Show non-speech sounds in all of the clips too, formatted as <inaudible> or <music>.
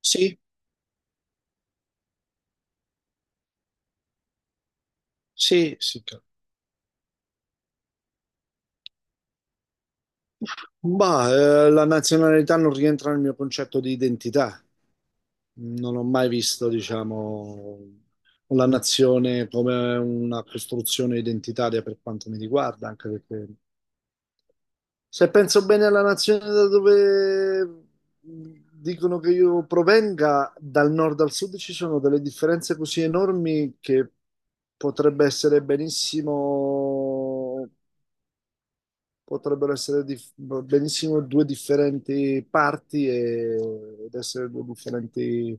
Sì, sì. chiaro. Ma la nazionalità non rientra nel mio concetto di identità. Non ho mai visto, diciamo, la nazione come una costruzione identitaria per quanto mi riguarda, anche perché se penso bene alla nazione da dove dicono che io provenga, dal nord al sud ci sono delle differenze così enormi che potrebbe essere benissimo potrebbero essere benissimo due differenti parti ed essere due differenti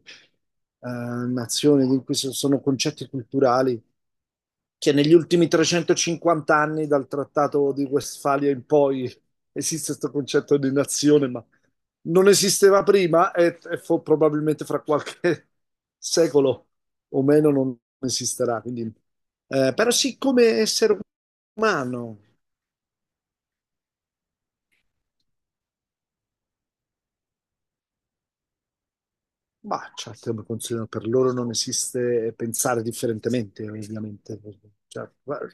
nazioni, in cui sono concetti culturali che negli ultimi 350 anni dal Trattato di Westfalia in poi esiste questo concetto di nazione, ma non esisteva prima e probabilmente fra qualche <laughs> secolo o meno non esisterà. Quindi, però sì, come essere umano. Ma certo, per loro non esiste pensare differentemente, ovviamente. Cioè, guarda,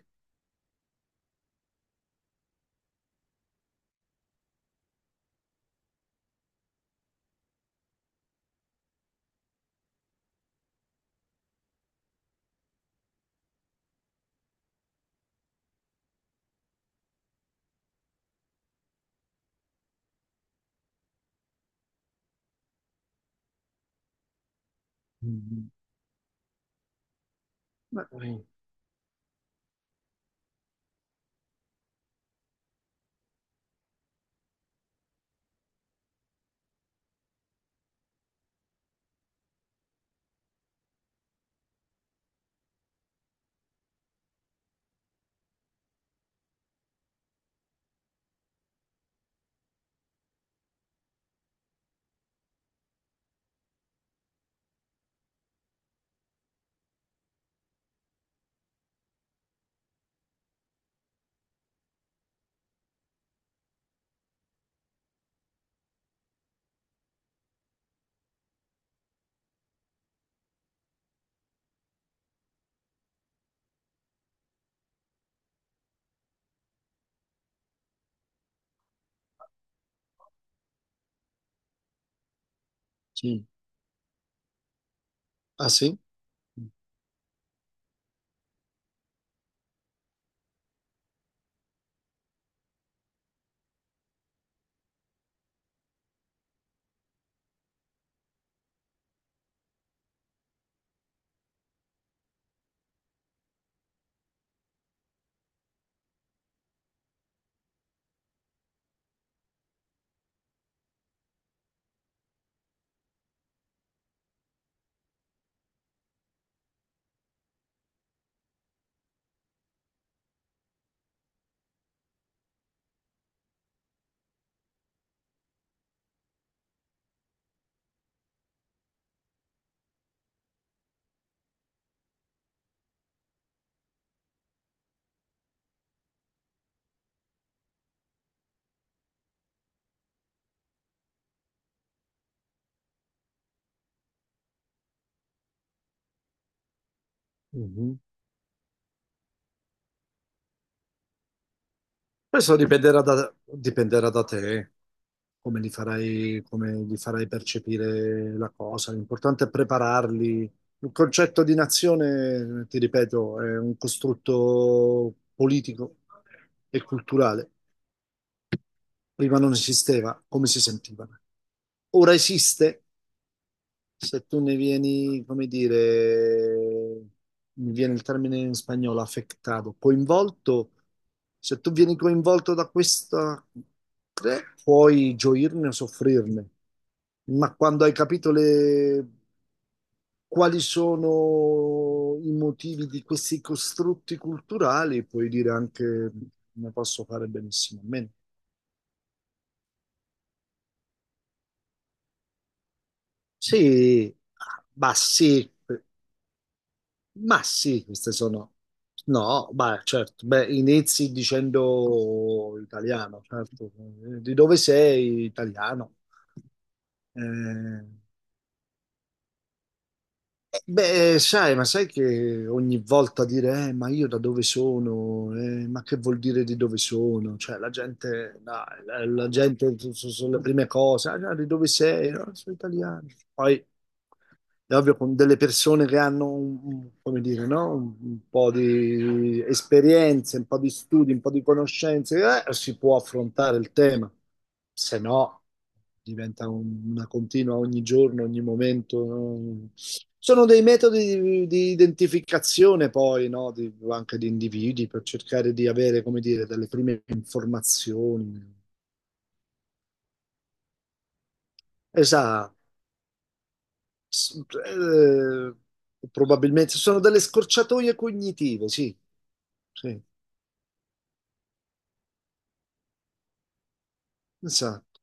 mm, ma- eh, sì. Ah sì? Mhm. Questo dipenderà da te, come li farai percepire la cosa. L'importante è prepararli. Il concetto di nazione, ti ripeto, è un costrutto politico e culturale. Prima non esisteva, come si sentiva? Ora esiste se tu ne vieni, come dire, mi viene il termine in spagnolo, affettato, coinvolto, se tu vieni coinvolto da questa, puoi gioirne o soffrirne, ma quando hai capito quali sono i motivi di questi costrutti culturali, puoi dire anche ne posso fare benissimo a meno. Sì, bah sì, ma sì, queste sono... No, ma certo, beh, inizi dicendo italiano, certo. Di dove sei? Italiano. Eh, Beh, sai, ma sai che ogni volta dire, ma io da dove sono? Ma che vuol dire di dove sono?" Cioè, la gente, no, la gente sulle prime cose, "Ah, no, di dove sei?" "No, sono italiano." Poi, è ovvio, con delle persone che hanno, come dire, no? Un po' di esperienze, un po' di studi, un po' di conoscenze, si può affrontare il tema. Se no diventa una continua ogni giorno, ogni momento, no? Sono dei metodi di identificazione poi, no? Anche di individui per cercare di avere, come dire, delle prime informazioni. Esatto. S- eh, Probabilmente sono delle scorciatoie cognitive, sì, sì, esatto.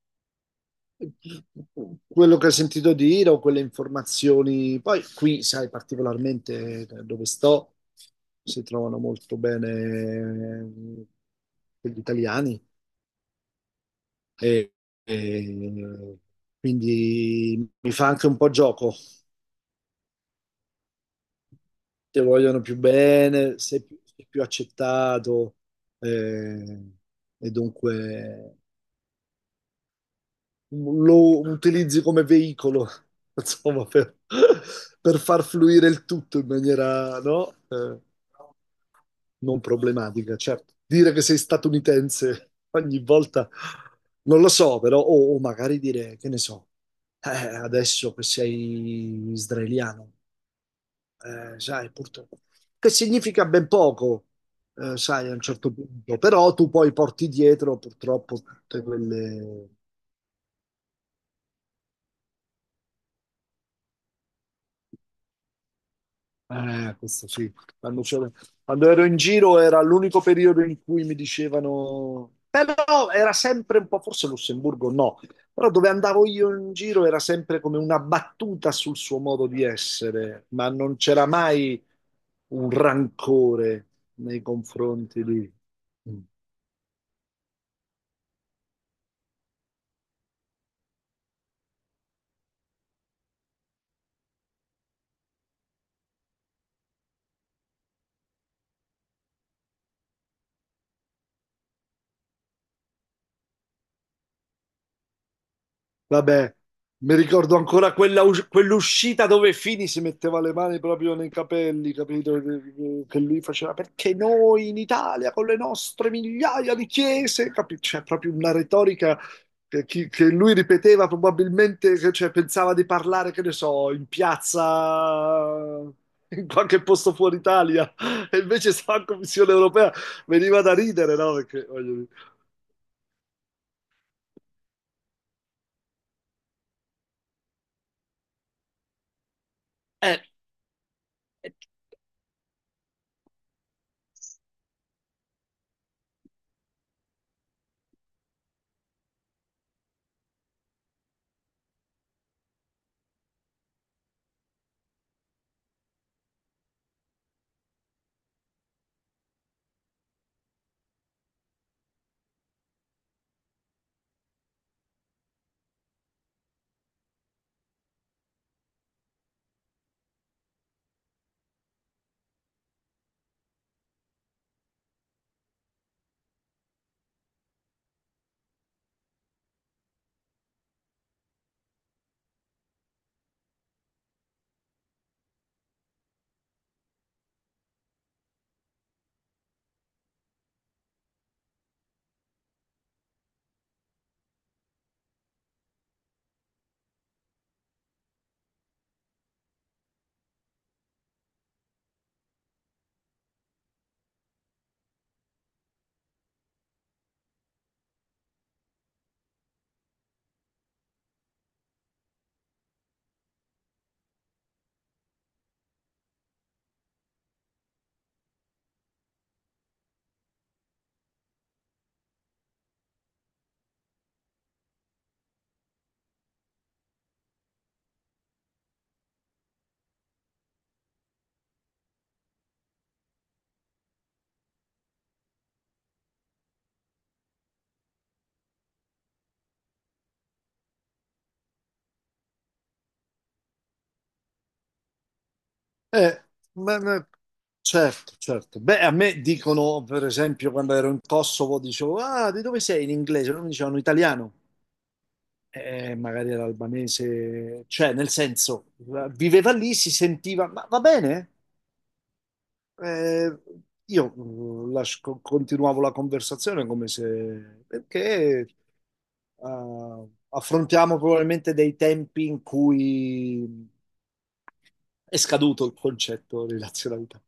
Quello che ho sentito dire o quelle informazioni. Poi qui, sai, particolarmente dove sto, si trovano molto bene gli italiani e, e quindi mi fa anche un po' gioco. Ti vogliono più bene, sei più accettato eh, e dunque lo utilizzi come veicolo, <laughs> insomma, per far fluire il tutto in maniera, no? Non problematica, certo. Dire che sei statunitense ogni volta, non lo so, però, o magari dire, che ne so, eh, adesso che sei israeliano, sai, purtroppo, che significa ben poco, sai, a un certo punto, però tu poi porti dietro purtroppo tutte quelle. Questo sì. Quando ero in giro era l'unico periodo in cui mi dicevano, però era sempre un po', forse Lussemburgo no, però dove andavo io in giro era sempre come una battuta sul suo modo di essere, ma non c'era mai un rancore nei confronti di... Mm, vabbè, mi ricordo ancora quell'uscita dove Fini si metteva le mani proprio nei capelli, capito? Che lui faceva perché noi in Italia con le nostre migliaia di chiese, capito? C'è proprio una retorica che, che lui ripeteva probabilmente, che, cioè, pensava di parlare, che ne so, in piazza, in qualche posto fuori Italia, e invece stava in Commissione europea, veniva da ridere, no? Perché, voglio dire. Eh. Eh, ma- ma- certo, certo. Beh, a me dicono, per esempio, quando ero in Kosovo, dicevo, ah, di dove sei in inglese? Non mi dicevano italiano. Magari era albanese, cioè, nel senso, viveva lì, si sentiva, ma va bene? Eh, io continuavo la conversazione come se, perché affrontiamo probabilmente dei tempi in cui è scaduto il concetto di nazionalità.